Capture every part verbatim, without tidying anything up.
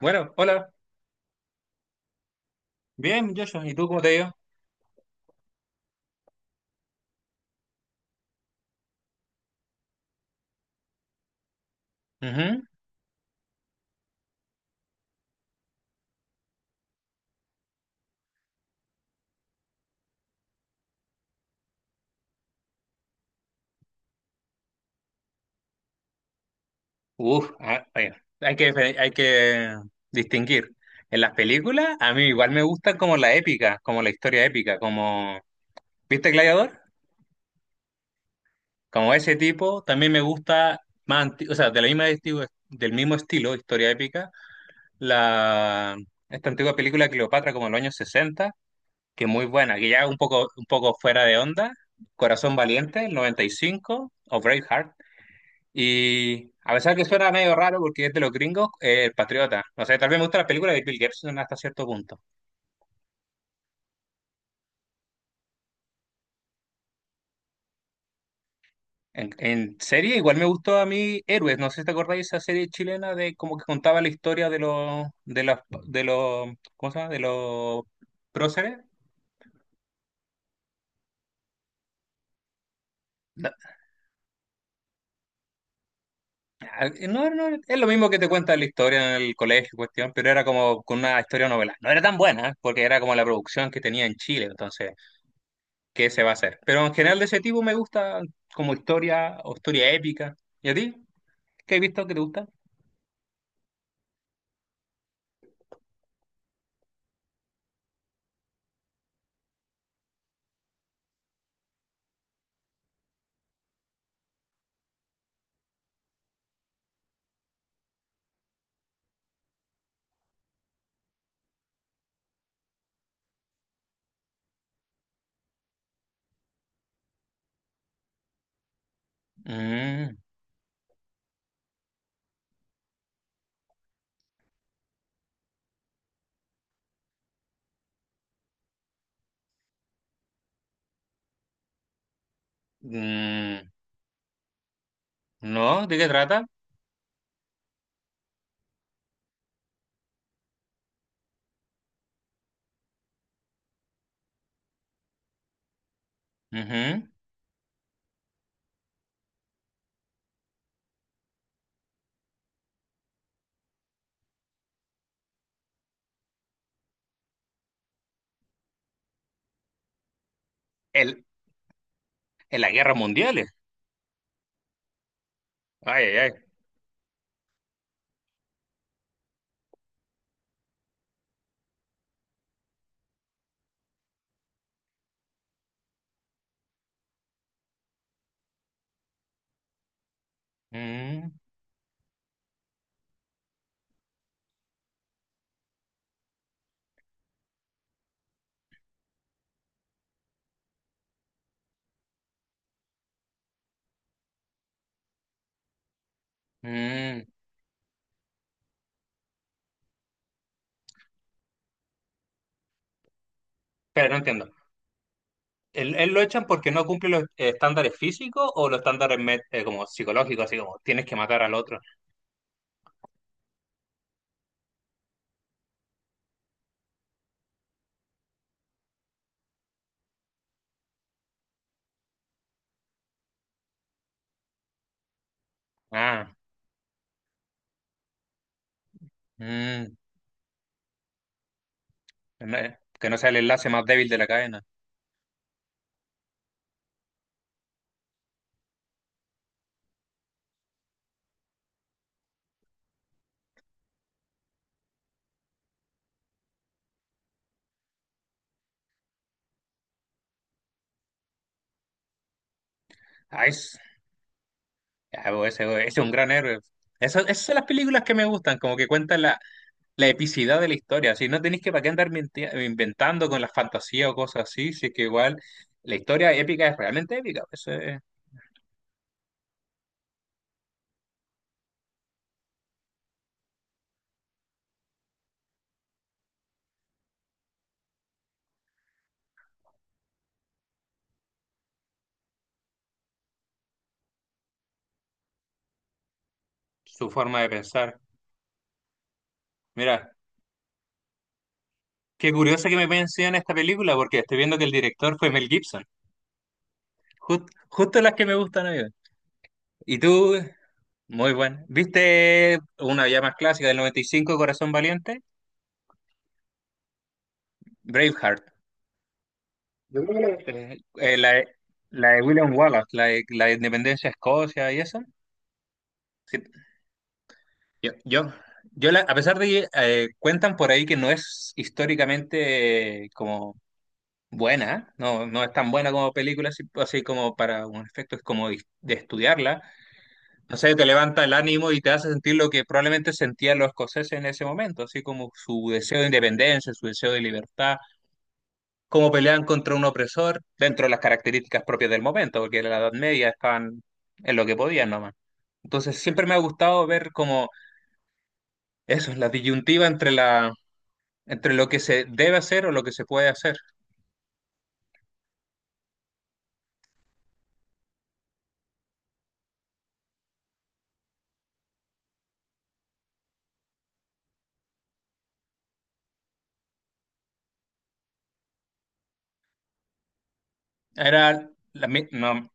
Bueno, hola. Bien, Joshua. ¿Y tú cómo te ha ido? Ujú. Uf, ah, bueno, hay que, dife- hay que distinguir. En las películas, a mí igual me gusta como la épica, como la historia épica, como. ¿Viste Gladiador? Como ese tipo, también me gusta más, anti- o sea, de la misma esti- del mismo estilo, historia épica, la esta antigua película de Cleopatra como de los años sesenta, que es muy buena, que ya un poco un poco fuera de onda, Corazón Valiente, el noventa y cinco o Braveheart. Y a pesar que suena medio raro porque es de los gringos, eh, El Patriota. No sé, tal vez me gusta la película de Bill Gibson hasta cierto punto. En, en serie, igual me gustó a mí Héroes. No sé si te acordáis esa serie chilena de como que contaba la historia de los, de los, de los, ¿cómo se llama? De los próceres. No, no, no, es lo mismo que te cuenta la historia en el colegio, cuestión, pero era como con una historia novela. No era tan buena, porque era como la producción que tenía en Chile, entonces qué se va a hacer. Pero en general de ese tipo me gusta como historia o historia épica. ¿Y a ti? ¿Qué he visto que te gusta? Mm, mm, ¿no? ¿De qué trata? Ujú. El, en las guerras mundiales. Ay, ay, ay. Mm, mm. Pero no entiendo. ¿Él, él lo echan porque no cumple los eh, estándares físicos o los estándares met- eh, como psicológicos, así como tienes que matar al otro? Ah, mm, no, eh, que no sea el enlace más débil de la cadena. Ay, ah, bo, ese, ese es un gran héroe. Esas, esas son las películas que me gustan, como que cuentan la, la epicidad de la historia. Si no tenéis que para qué andar minti- inventando con la fantasía o cosas así, si es que igual la historia épica es realmente épica. Esa es su forma de pensar. Mira, qué curioso que me mencionen esta película, porque estoy viendo que el director fue Mel Gibson. Jus- justo las que me gustan a mí. Y tú, muy bueno. ¿Viste una ya más clásica del noventa y cinco, Corazón Valiente? Braveheart. Yo creo que eh, eh, la, de la de William Wallace, la de la Independencia de Escocia y eso. Sí, yo, yo, yo la- a pesar de que eh, cuentan por ahí que no es históricamente eh, como buena, no, no es tan buena como película, así, así como para un efecto es como de, de estudiarla. No sé, te levanta el ánimo y te hace sentir lo que probablemente sentían los escoceses en ese momento, así como su deseo de independencia, su deseo de libertad, cómo peleaban contra un opresor dentro de las características propias del momento, porque en la Edad Media estaban en lo que podían nomás. Entonces siempre me ha gustado ver como eso, la disyuntiva entre la entre lo que se debe hacer o lo que se puede hacer. Era la, mi- no,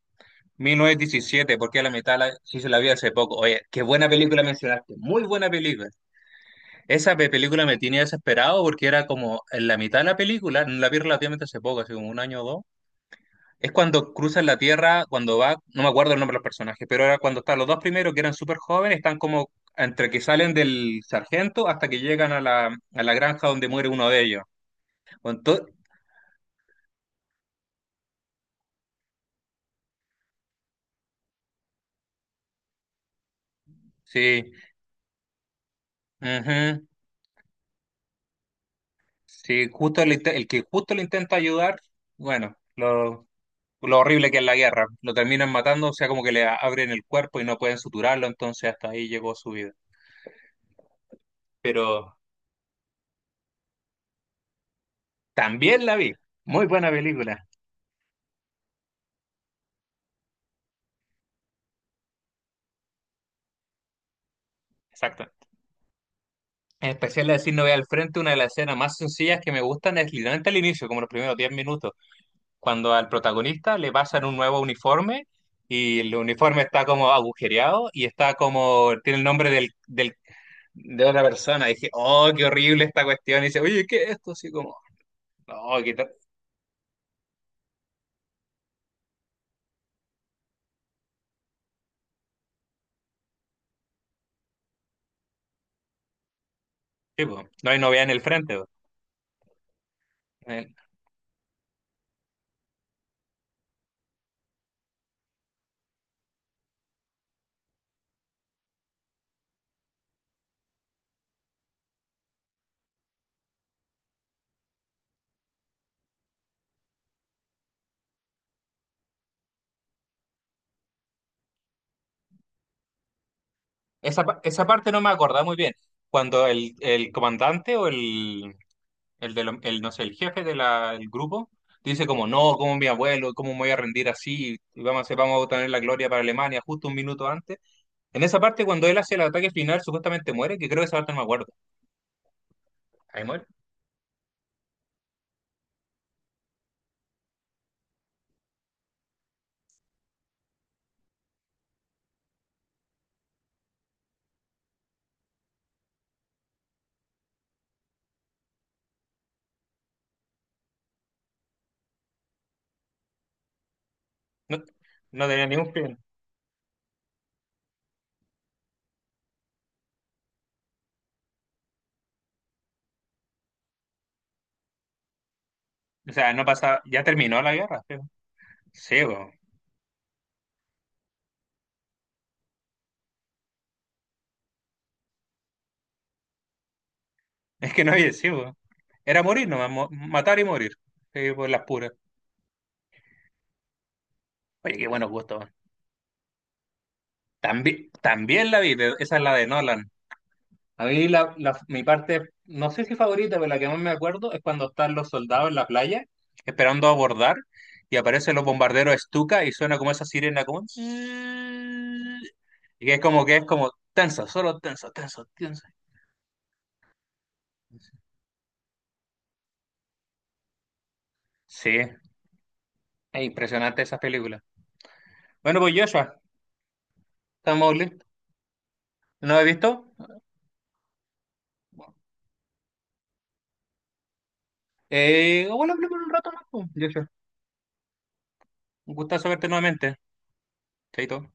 mil novecientos diecisiete porque a la mitad la, sí se la vi hace poco. Oye, qué buena película mencionaste, muy buena película. Esa pe- película me tenía desesperado porque era como en la mitad de la película, no la vi relativamente hace poco, hace como un año o dos. Es cuando cruzan la Tierra, cuando va, no me acuerdo el nombre de los personajes, pero era cuando están los dos primeros, que eran súper jóvenes, están como entre que salen del sargento hasta que llegan a la, a la granja donde muere uno de ellos. Entonces, sí, ujú, sí, justo el, inte- el que justo le intenta ayudar, bueno, lo, lo horrible que es la guerra, lo terminan matando, o sea, como que le abren el cuerpo y no pueden suturarlo, entonces hasta ahí llegó su vida. Pero también la vi, muy buena película, exacto. En especial la de Sin Novedad al Frente, una de las escenas más sencillas que me gustan es literalmente al inicio, como los primeros diez minutos, cuando al protagonista le pasan un nuevo uniforme y el uniforme está como agujereado y está como, tiene el nombre del, del- de otra persona. Y dije, oh, qué horrible esta cuestión. Y dice, oye, ¿qué es esto? Así como, no, qué tal". Sí, po, no hay novedad en el frente, po. Eh, Esa, pa- esa parte no me acordaba muy bien. Cuando el, el comandante o el, el de lo- el, no sé, el jefe del grupo, dice como, no, como mi abuelo, cómo me voy a rendir así, y vamos a, hacer- vamos a obtener la gloria para Alemania justo un minuto antes. En esa parte, cuando él hace el ataque final, supuestamente muere, que creo que esa parte no me acuerdo. Ahí muere. No, no tenía ningún fin. O sea, no pasaba, ya terminó la guerra. Sí, bo. Sí, po. Es que no había, sí, po. Era morir nomás, mo- matar y morir. Sí, por las puras. Oye, qué buenos gustos. También, también la vi, pero esa es la de Nolan. A mí la, la- mi parte, no sé si favorita, pero la que más me acuerdo es cuando están los soldados en la playa esperando abordar y aparecen los bombarderos Stuka y suena como esa sirena como... zzzz. Y que es como que es como tenso, solo tenso, tenso, tenso. Sí, es impresionante esa película. Bueno, pues Joshua, estamos listos. ¿No lo he visto? Eh, bueno, hablemos un rato más, pues, Joshua. Un gustazo verte nuevamente. Chaito.